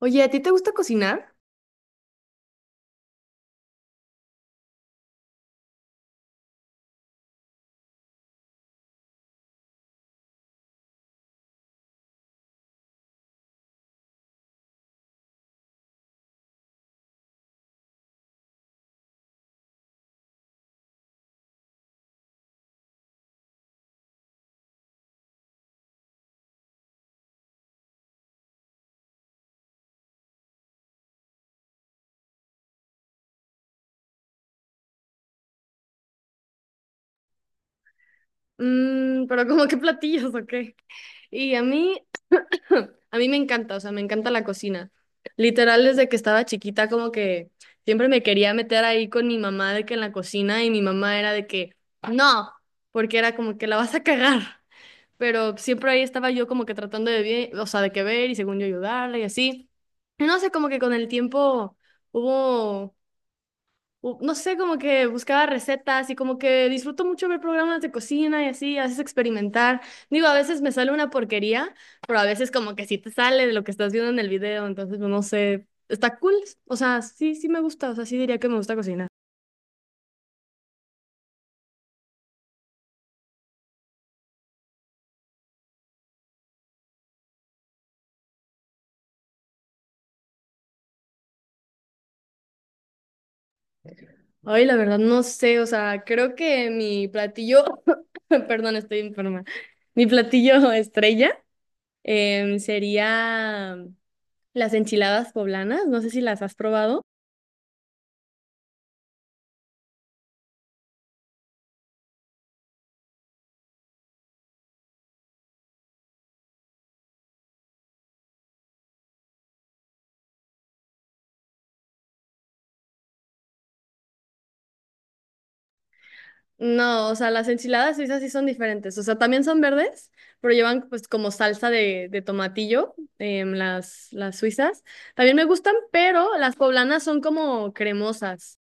Oye, ¿a ti te gusta cocinar? Pero ¿como qué platillos o qué? Y a mí me encanta, o sea, me encanta la cocina. Literal, desde que estaba chiquita, como que siempre me quería meter ahí con mi mamá de que en la cocina y mi mamá era de que, no, porque era como que la vas a cagar. Pero siempre ahí estaba yo como que tratando de bien, o sea, de que ver y según yo ayudarla y así. Y no sé, como que con el tiempo hubo no sé, como que buscaba recetas y como que disfruto mucho ver programas de cocina y así, a veces experimentar. Digo, a veces me sale una porquería, pero a veces como que sí te sale de lo que estás viendo en el video, entonces pues, no sé, está cool. O sea, sí, sí me gusta, o sea, sí diría que me gusta cocinar. Ay, la verdad, no sé, o sea, creo que mi platillo, perdón, estoy enferma, mi platillo estrella sería las enchiladas poblanas, no sé si las has probado. No, o sea, las enchiladas suizas sí son diferentes. O sea, también son verdes, pero llevan pues como salsa de tomatillo, las suizas. También me gustan, pero las poblanas son como cremosas.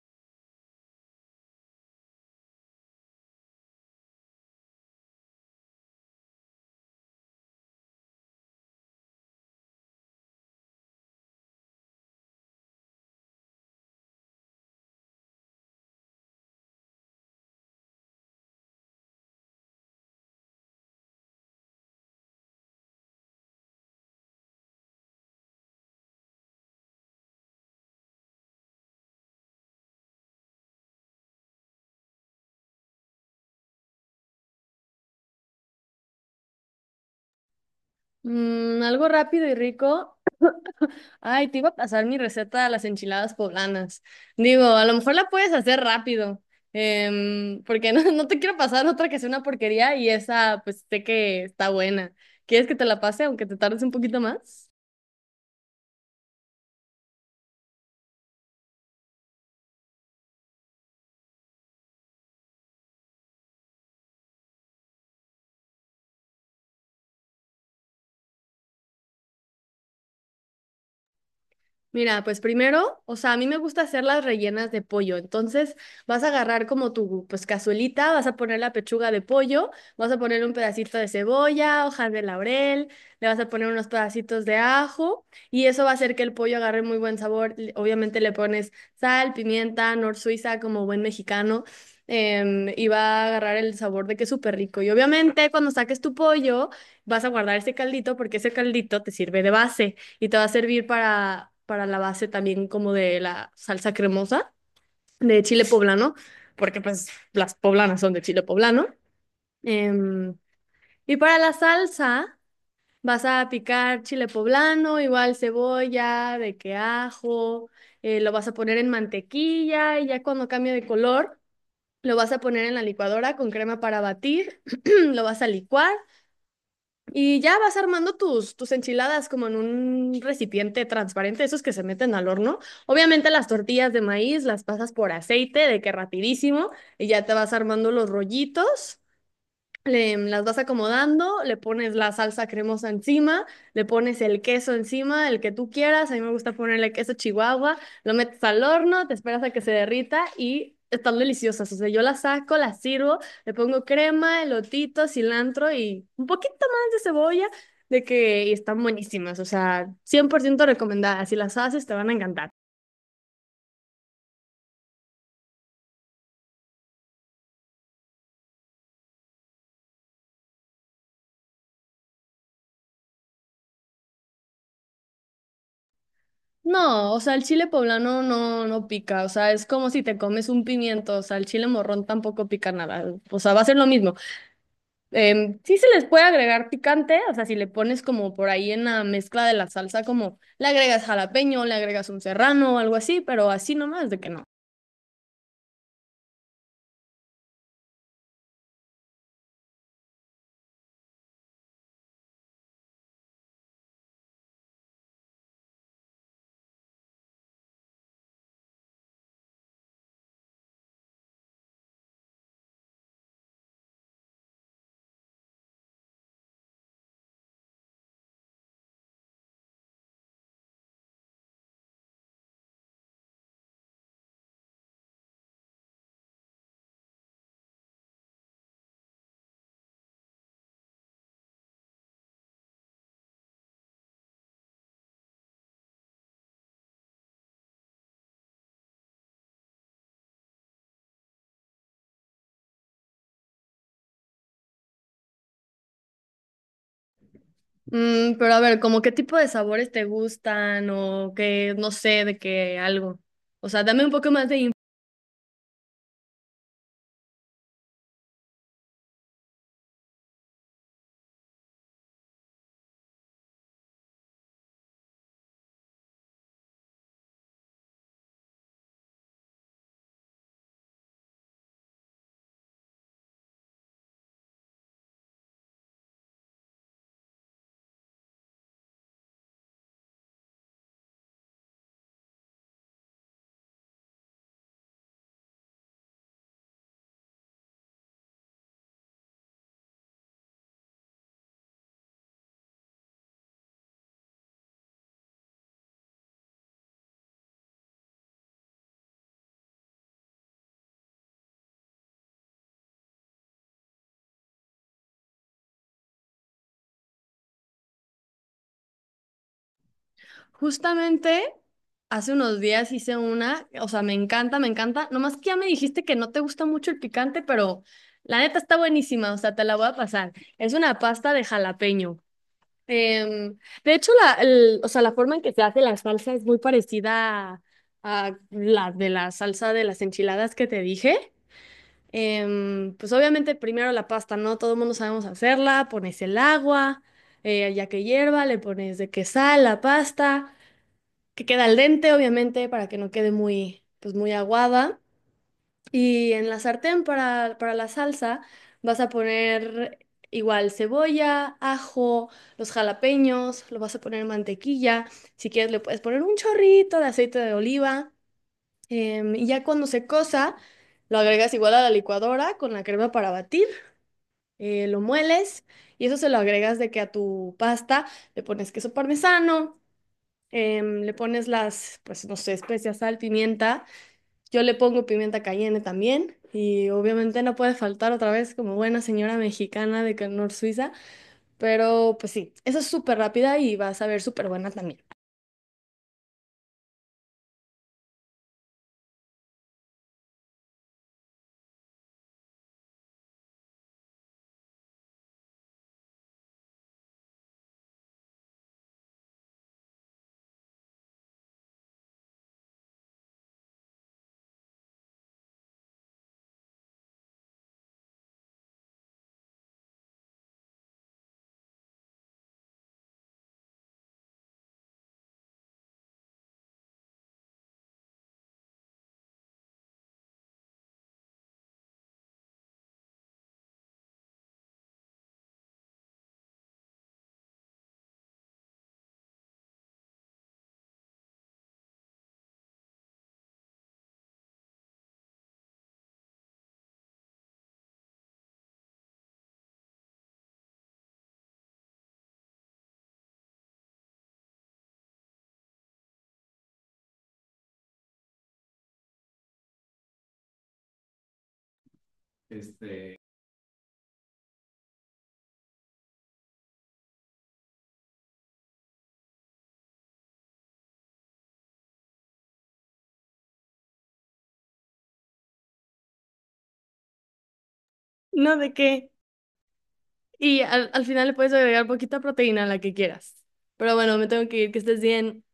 Algo rápido y rico. Ay, te iba a pasar mi receta de las enchiladas poblanas. Digo, a lo mejor la puedes hacer rápido, porque no, no te quiero pasar otra que sea una porquería y esa pues sé que está buena. ¿Quieres que te la pase aunque te tardes un poquito más? Mira, pues primero, o sea, a mí me gusta hacer las rellenas de pollo. Entonces, vas a agarrar como tu, pues, cazuelita, vas a poner la pechuga de pollo, vas a poner un pedacito de cebolla, hojas de laurel, le vas a poner unos pedacitos de ajo y eso va a hacer que el pollo agarre muy buen sabor. Obviamente le pones sal, pimienta, nor suiza como buen mexicano y va a agarrar el sabor de que es súper rico. Y obviamente cuando saques tu pollo, vas a guardar ese caldito porque ese caldito te sirve de base y te va a servir para la base también como de la salsa cremosa de chile poblano, porque pues las poblanas son de chile poblano. Em, y para la salsa vas a picar chile poblano, igual cebolla, de que ajo, lo vas a poner en mantequilla y ya cuando cambie de color, lo vas a poner en la licuadora con crema para batir, lo vas a licuar. Y ya vas armando tus enchiladas como en un recipiente transparente, esos que se meten al horno. Obviamente las tortillas de maíz las pasas por aceite, de que rapidísimo, y ya te vas armando los rollitos, las vas acomodando, le pones la salsa cremosa encima, le pones el queso encima, el que tú quieras. A mí me gusta ponerle queso chihuahua, lo metes al horno, te esperas a que se derrita y están deliciosas. O sea, yo las saco, las sirvo, le pongo crema, elotito, cilantro y un poquito más de cebolla, de que y están buenísimas. O sea, 100% recomendadas. Si las haces, te van a encantar. No, o sea, el chile poblano no, no pica, o sea, es como si te comes un pimiento, o sea, el chile morrón tampoco pica nada, o sea, va a ser lo mismo. Sí se les puede agregar picante, o sea, si le pones como por ahí en la mezcla de la salsa, como le agregas jalapeño, le agregas un serrano o algo así, pero así nomás de que no. Pero a ver, ¿como qué tipo de sabores te gustan o qué? No sé, de qué algo. O sea, dame un poco más de. Justamente hace unos días hice una, o sea, me encanta, me encanta. Nomás que ya me dijiste que no te gusta mucho el picante, pero la neta está buenísima, o sea, te la voy a pasar. Es una pasta de jalapeño. Em, de hecho, o sea, la forma en que se hace la salsa es muy parecida a la de la salsa de las enchiladas que te dije. Pues obviamente primero la pasta, ¿no? Todo el mundo sabemos hacerla, pones el agua, ya que hierva, le pones de que sal, la pasta que queda al dente, obviamente, para que no quede muy, pues muy aguada. Y en la sartén para la salsa vas a poner igual cebolla, ajo, los jalapeños, lo vas a poner en mantequilla. Si quieres le puedes poner un chorrito de aceite de oliva. Y ya cuando se cosa, lo agregas igual a la licuadora con la crema para batir, lo mueles y eso se lo agregas de que a tu pasta le pones queso parmesano, le pones las, pues no sé, especias, sal, pimienta. Yo le pongo pimienta cayenne también. Y obviamente no puede faltar otra vez como buena señora mexicana de Canor Suiza. Pero pues sí, esa es súper rápida y va a saber súper buena también. No, ¿de qué? Y al final le puedes agregar poquita proteína, a la que quieras. Pero bueno, me tengo que ir, que estés bien.